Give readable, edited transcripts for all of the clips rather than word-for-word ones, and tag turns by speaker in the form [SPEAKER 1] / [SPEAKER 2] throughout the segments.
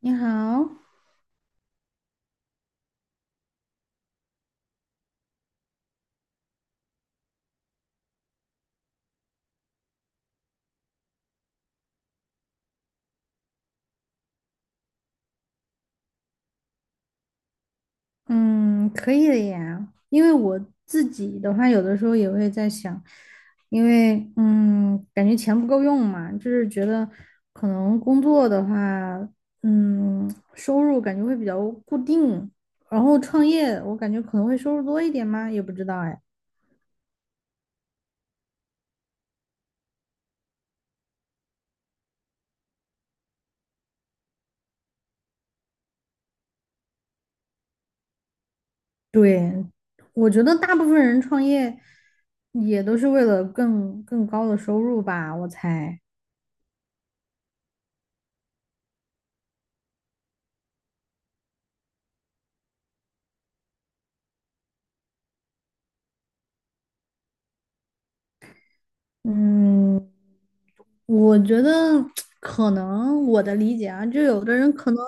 [SPEAKER 1] 你好。嗯，可以的呀。因为我自己的话，有的时候也会在想，因为感觉钱不够用嘛，就是觉得可能工作的话，收入感觉会比较固定，然后创业我感觉可能会收入多一点嘛，也不知道哎。对，我觉得大部分人创业也都是为了更高的收入吧，我猜。嗯，我觉得 可能我的理解啊，就有的人可能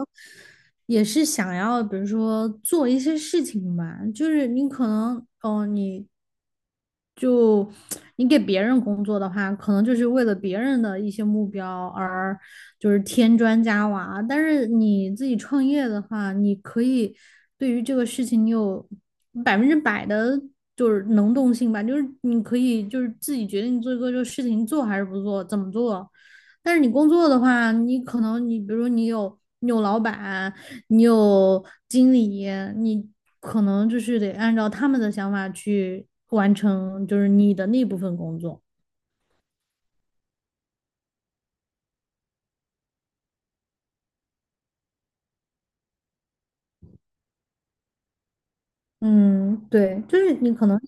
[SPEAKER 1] 也是想要，比如说做一些事情吧，就是你可能，哦，就你给别人工作的话，可能就是为了别人的一些目标而就是添砖加瓦，但是你自己创业的话，你可以对于这个事情你有百分之百的就是能动性吧，就是你可以就是自己决定做一个这个事情做还是不做，怎么做。但是你工作的话，你可能你比如说你有老板，你有经理，你可能就是得按照他们的想法去完成，就是你的那部分工作。嗯，对，就是你可能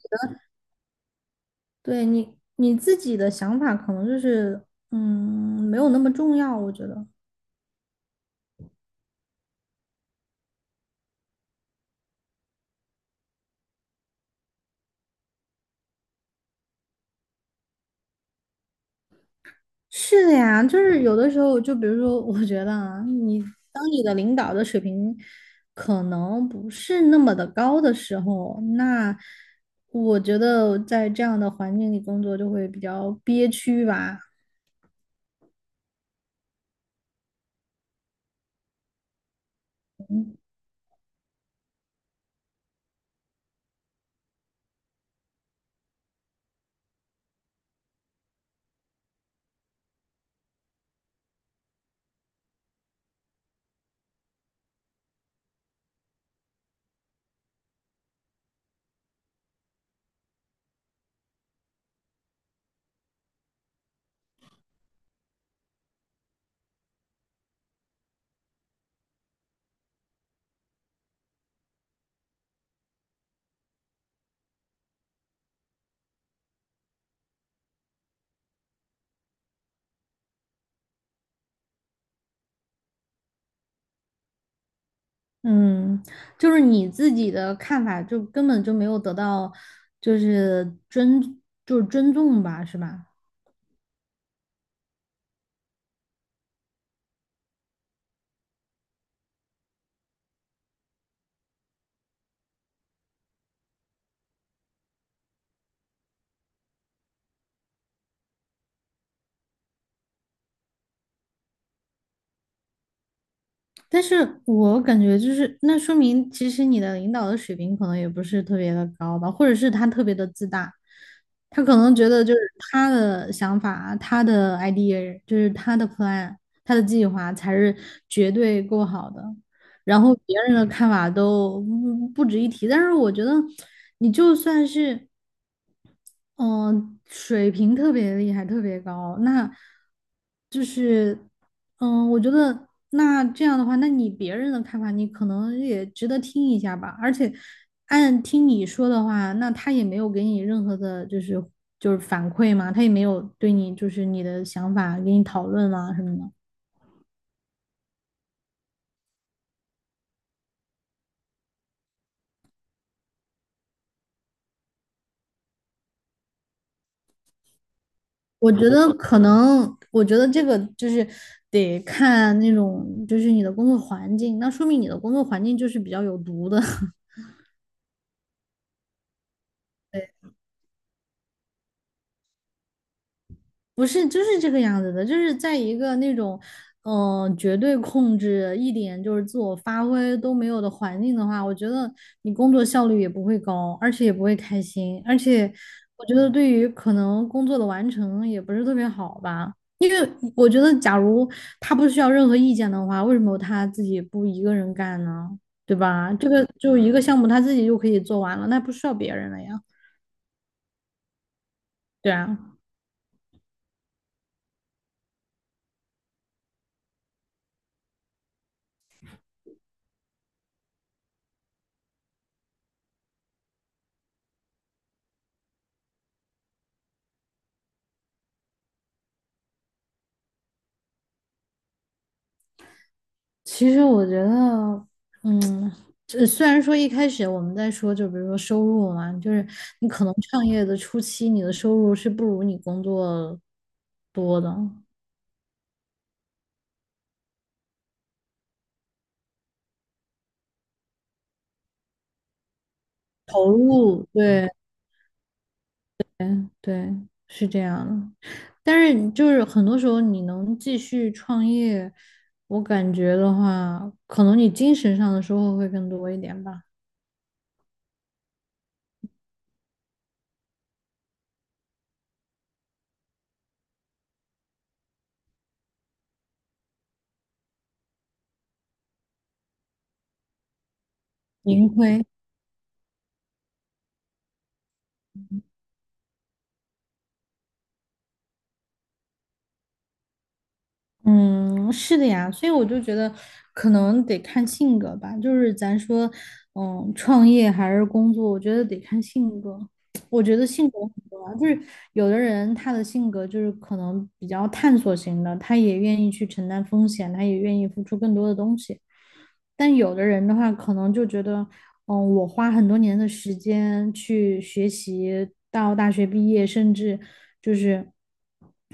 [SPEAKER 1] 对你你自己的想法，可能就是没有那么重要，我觉得是的呀。就是有的时候，就比如说，我觉得啊，你当你的领导的水平可能不是那么的高的时候，那我觉得在这样的环境里工作就会比较憋屈吧。嗯，就是你自己的看法，就根本就没有得到，就是尊，就是尊重吧，是吧？但是我感觉就是，那说明其实你的领导的水平可能也不是特别的高吧，或者是他特别的自大，他可能觉得就是他的想法、他的 idea，就是他的 plan、他的计划才是绝对够好的。然后别人的看法都不值一提。但是我觉得，你就算是嗯，水平特别厉害，特别高。那就是，嗯，我觉得那这样的话，那你别人的看法，你可能也值得听一下吧。而且，按听你说的话，那他也没有给你任何的，就是反馈嘛，他也没有对你就是你的想法给你讨论啊什么的。我觉得可能，我觉得这个就是得看那种，就是你的工作环境。那说明你的工作环境就是比较有毒的。不是，就是这个样子的，就是在一个那种，嗯、绝对控制，一点就是自我发挥都没有的环境的话，我觉得你工作效率也不会高，而且也不会开心，而且我觉得对于可能工作的完成也不是特别好吧，因为我觉得假如他不需要任何意见的话，为什么他自己不一个人干呢？对吧？这个就一个项目他自己就可以做完了，那不需要别人了呀。对啊。其实我觉得，嗯，这虽然说一开始我们在说，就比如说收入嘛，就是你可能创业的初期，你的收入是不如你工作多的，投入，对对，是这样的。但是就是很多时候你能继续创业，我感觉的话，可能你精神上的收获会更多一点吧，盈亏。嗯，是的呀，所以我就觉得可能得看性格吧，就是咱说，嗯，创业还是工作，我觉得得看性格。我觉得性格很重要，就是有的人他的性格就是可能比较探索型的，他也愿意去承担风险，他也愿意付出更多的东西。但有的人的话，可能就觉得，嗯，我花很多年的时间去学习，到大学毕业，甚至就是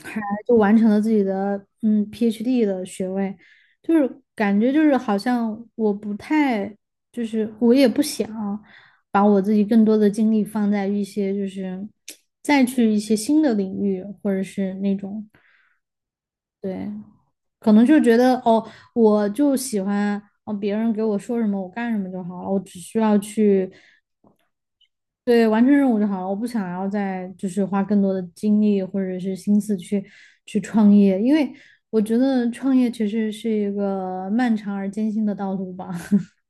[SPEAKER 1] 还就完成了自己的嗯 PhD 的学位，就是感觉就是好像我不太，就是我也不想把我自己更多的精力放在一些就是再去一些新的领域，或者是那种对。可能就觉得哦，我就喜欢哦，别人给我说什么我干什么就好了，我只需要去对完成任务就好了，我不想要再就是花更多的精力或者是心思去创业，因为我觉得创业其实是一个漫长而艰辛的道路吧。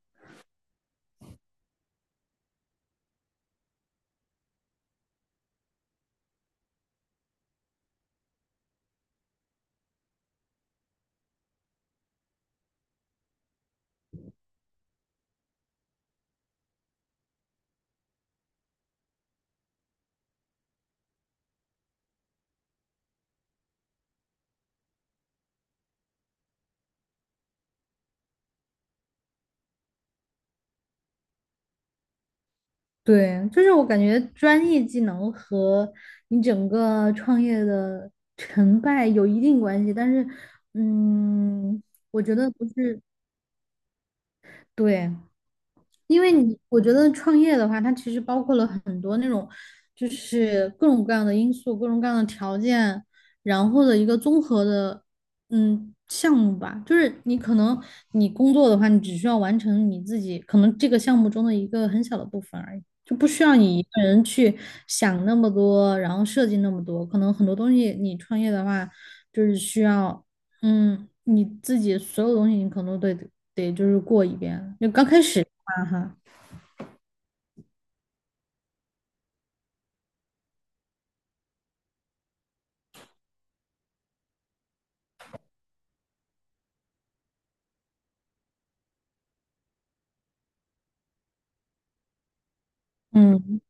[SPEAKER 1] 对，就是我感觉专业技能和你整个创业的成败有一定关系，但是嗯，我觉得不是，对。因为你，我觉得创业的话，它其实包括了很多那种，就是各种各样的因素、各种各样的条件，然后的一个综合的，嗯，项目吧。就是你可能你工作的话，你只需要完成你自己可能这个项目中的一个很小的部分而已，就不需要你一个人去想那么多，然后设计那么多。可能很多东西你创业的话，就是需要。嗯，你自己所有东西你可能都得就是过一遍。就刚开始啊哈，嗯，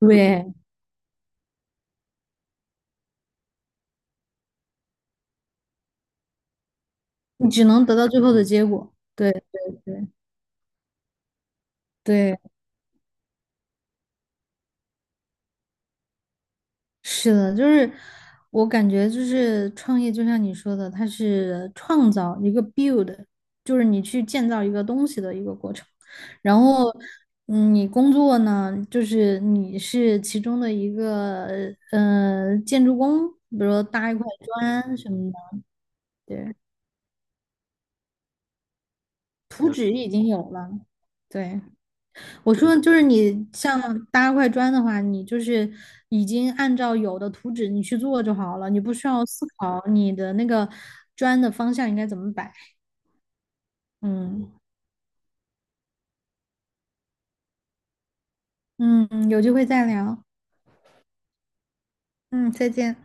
[SPEAKER 1] 对，你只能得到最后的结果。对对对对，是的，就是我感觉就是创业，就像你说的，它是创造一个 build，就是你去建造一个东西的一个过程。然后，嗯，你工作呢，就是你是其中的一个呃建筑工，比如说搭一块砖什么的，对，图纸已经有了，对。我说就是你像搭块砖的话，你就是已经按照有的图纸你去做就好了，你不需要思考你的那个砖的方向应该怎么摆。嗯嗯，有机会再聊。嗯，再见。